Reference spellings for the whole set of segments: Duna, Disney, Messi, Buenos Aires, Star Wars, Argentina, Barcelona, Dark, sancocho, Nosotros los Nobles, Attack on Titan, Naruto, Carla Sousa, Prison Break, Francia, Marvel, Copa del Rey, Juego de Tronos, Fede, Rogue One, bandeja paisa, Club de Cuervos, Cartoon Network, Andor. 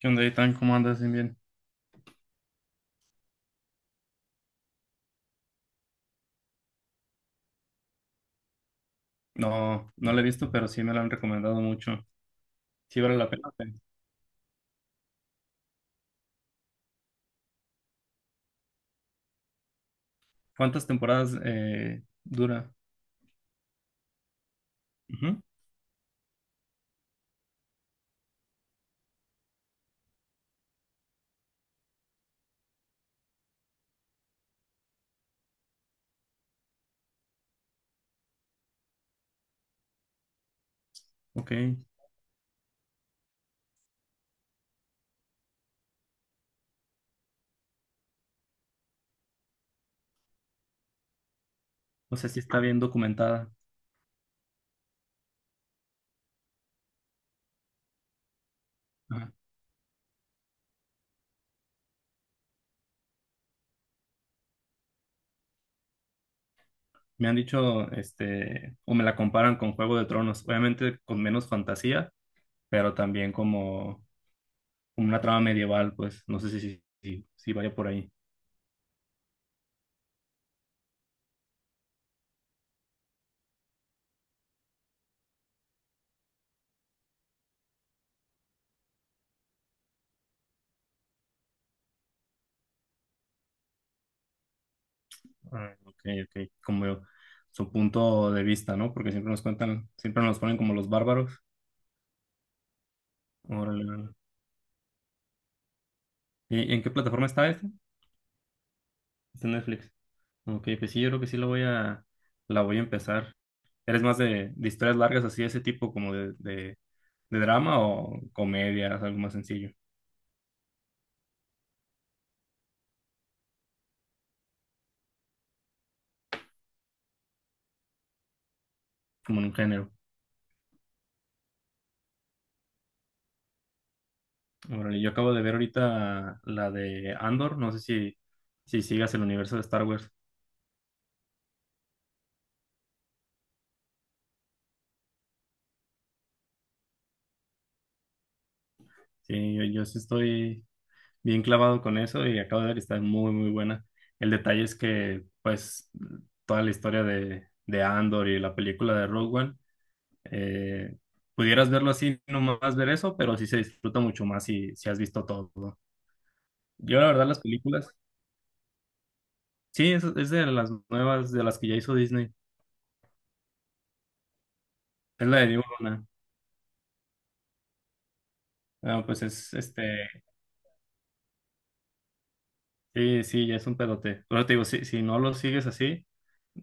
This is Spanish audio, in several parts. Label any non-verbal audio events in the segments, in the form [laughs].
¿Qué onda, Itan? ¿Cómo andas? Bien, bien. No, no la he visto, pero sí me la han recomendado mucho. Sí vale la pena. ¿Cuántas temporadas dura? Ujú. Ok. O sea, sí está bien documentada. Ajá. Me han dicho, o me la comparan con Juego de Tronos. Obviamente con menos fantasía, pero también como una trama medieval, pues. No sé si vaya por ahí. Ah, ok, ok. Como su punto de vista, ¿no? Porque siempre nos cuentan, siempre nos ponen como los bárbaros. Órale, ¿y en qué plataforma está? Está en Netflix. Ok, pues sí, yo creo que sí la voy a empezar. ¿Eres más de historias largas así, de ese tipo, como de drama o comedias, algo más sencillo, como en un género? Órale, yo acabo de ver ahorita la de Andor, no sé si, si sigas el universo de Star Wars. Sí, yo sí estoy bien clavado con eso y acabo de ver que está muy, muy buena. El detalle es que, pues, toda la historia de Andor y la película de Rogue One. Eh, Pudieras verlo así, nomás ver eso, pero sí se disfruta mucho más si, si has visto todo, ¿no? Yo, la verdad, las películas, sí, es de las nuevas, de las que ya hizo Disney. Es la de Duna. Ah, pues es. Sí, sí, ya es un pedote. Pero te digo, si, si no lo sigues así,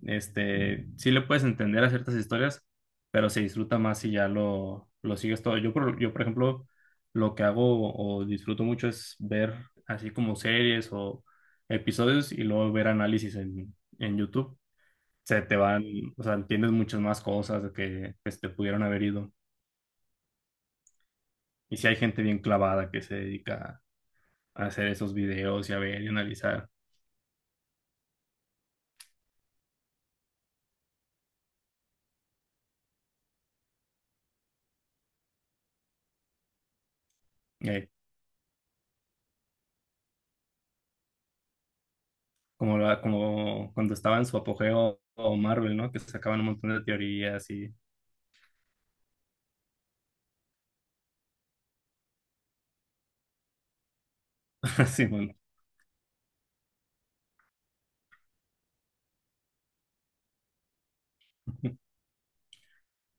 sí le puedes entender a ciertas historias, pero se disfruta más si lo sigues todo. Yo, por ejemplo, lo que hago o disfruto mucho es ver así como series o episodios y luego ver análisis en YouTube. Se te van, o sea, entiendes muchas más cosas de que pues, te pudieron haber ido. Y si hay gente bien clavada que se dedica a hacer esos videos y a ver y analizar. eh, como cuando estaba en su apogeo o Marvel, ¿no? Que sacaban un montón de teorías y [laughs] así, bueno.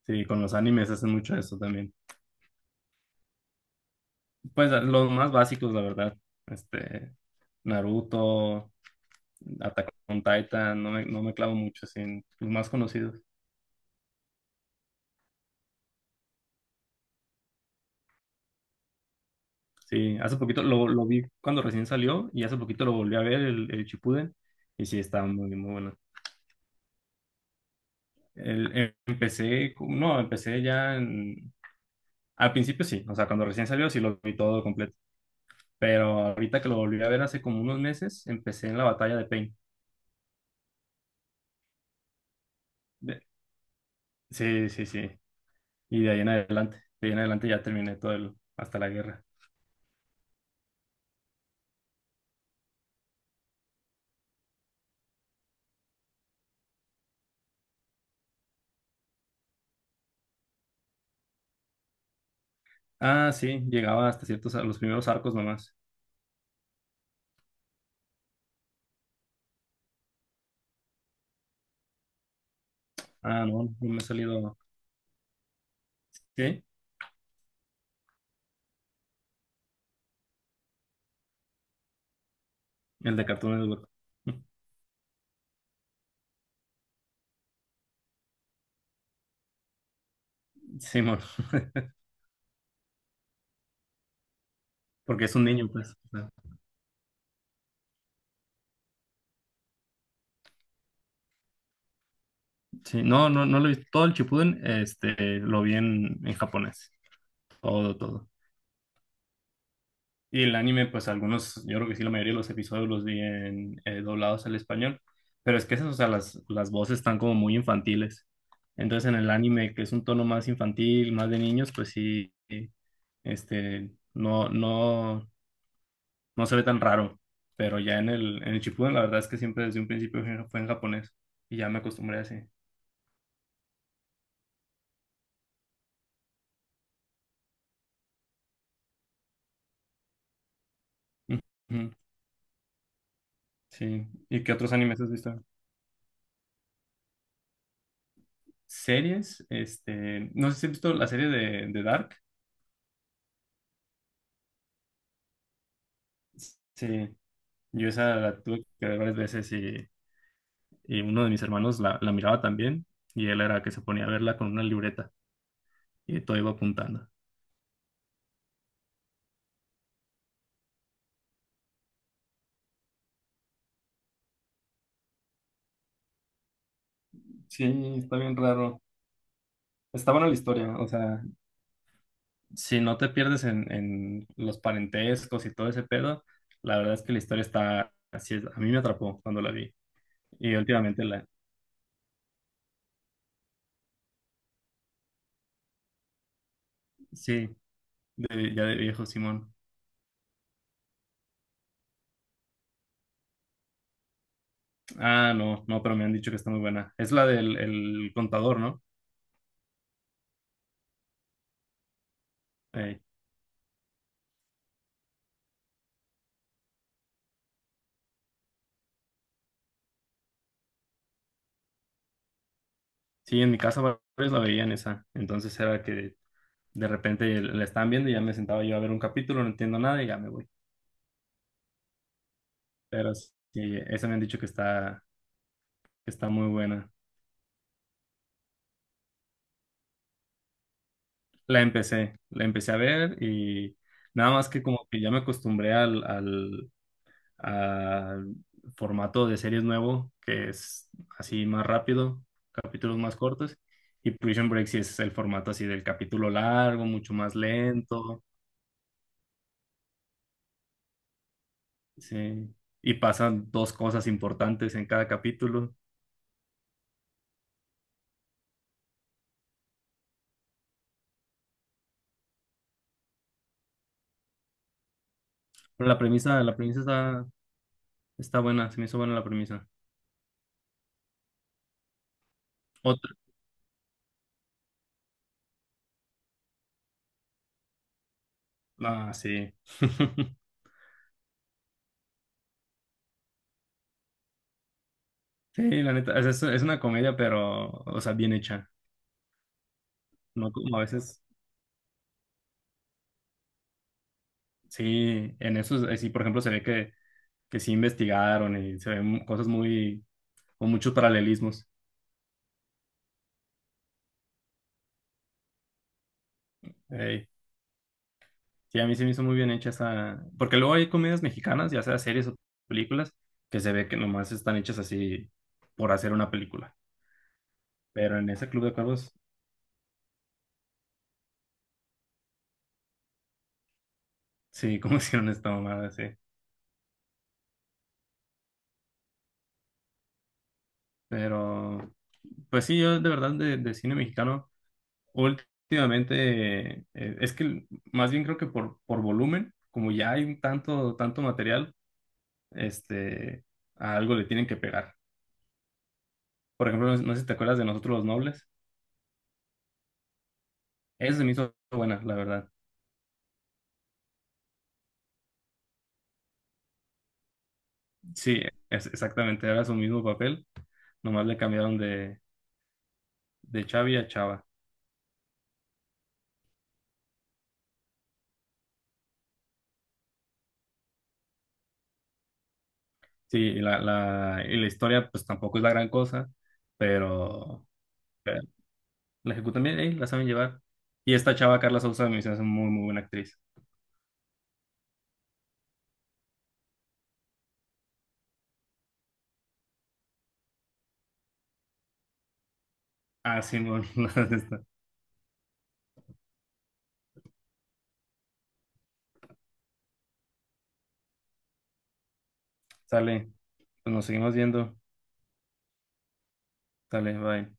Sí, con los animes hacen mucho eso también. Pues los más básicos, la verdad. Este, Naruto, Attack on Titan, no me clavo mucho, sí, en los más conocidos. Sí, hace poquito lo vi cuando recién salió y hace poquito lo volví a ver, el Shippuden, y sí, estaba muy, muy bueno. Empecé, no, al principio sí, o sea, cuando recién salió sí lo vi todo completo. Pero ahorita que lo volví a ver hace como unos meses, empecé en la batalla de Pain. De- Sí, sí, sí. Y de ahí en adelante, de ahí en adelante ya terminé todo el, hasta la guerra. Ah, sí, llegaba hasta ciertos, a los primeros arcos nomás. Ah, no, no me ha salido. ¿Sí? El de Cartoon Network. [laughs] Simón, porque es un niño, pues, o sea. Sí, no, no, no lo he visto. Todo el Shippuden, lo vi en japonés. Todo, todo. Y el anime, pues algunos, yo creo que sí, la mayoría de los episodios los vi en doblados al español, pero es que esas, o sea, las voces están como muy infantiles. Entonces en el anime, que es un tono más infantil, más de niños, pues sí, este, no, no, no se ve tan raro, pero ya en el Shippuden, la verdad es que siempre desde un principio fue en japonés y ya me acostumbré así. Ujú. Sí, ¿y qué otros animes has visto? Series, no sé si has visto la serie de Dark. Sí, yo esa la tuve que ver varias veces y uno de mis hermanos la miraba también y él era que se ponía a verla con una libreta y todo iba apuntando. Sí, está bien raro. Está buena la historia, o sea, si no te pierdes en los parentescos y todo ese pedo, la verdad es que la historia está así, a mí me atrapó cuando la vi. Y últimamente la, sí, ya de viejo Simón. Ah, no, no, pero me han dicho que está muy buena. Es la del el contador, ¿no? Ey. Sí, en mi casa varios la veían esa. Entonces era que de repente la están viendo y ya me sentaba yo a ver un capítulo, no entiendo nada y ya me voy. Pero sí, esa me han dicho que que está muy buena. La empecé a ver y nada más que como que ya me acostumbré al formato de series nuevo, que es así más rápido, capítulos más cortos. Y Prison Break sí es el formato así del capítulo largo, mucho más lento, sí. Y pasan dos cosas importantes en cada capítulo. La premisa está, está buena, se me hizo buena la premisa. Otra. Ah, sí. [laughs] Sí, la neta, o sea, es una comedia, pero, o sea, bien hecha. No como a veces, sí, en eso, sí, por ejemplo, que sí investigaron y se ven cosas muy, con muchos paralelismos. Ey, sí, a mí se me hizo muy bien hecha esa, porque luego hay comedias mexicanas, ya sea series o películas, que se ve que nomás están hechas así por hacer una película. Pero en ese Club de Cuervos, sí, [laughs] como hicieron esta mamada, sí. Pero, pues sí, yo de verdad de cine mexicano, últimamente, es que más bien creo que por volumen, como ya hay un tanto, tanto material, este, a algo le tienen que pegar. Por ejemplo, no sé si te acuerdas de Nosotros los Nobles. Esa se me hizo buena, la verdad. Sí, es exactamente, era su mismo papel, nomás le cambiaron de Chavi a Chava. Sí, y la historia pues tampoco es la gran cosa, pero... La ejecutan bien, ey, la saben llevar. Y esta chava, Carla Sousa, me dice, es muy, muy buena actriz. Ah, sí, bueno, [laughs] esta. Sale, pues nos seguimos viendo. Sale, bye.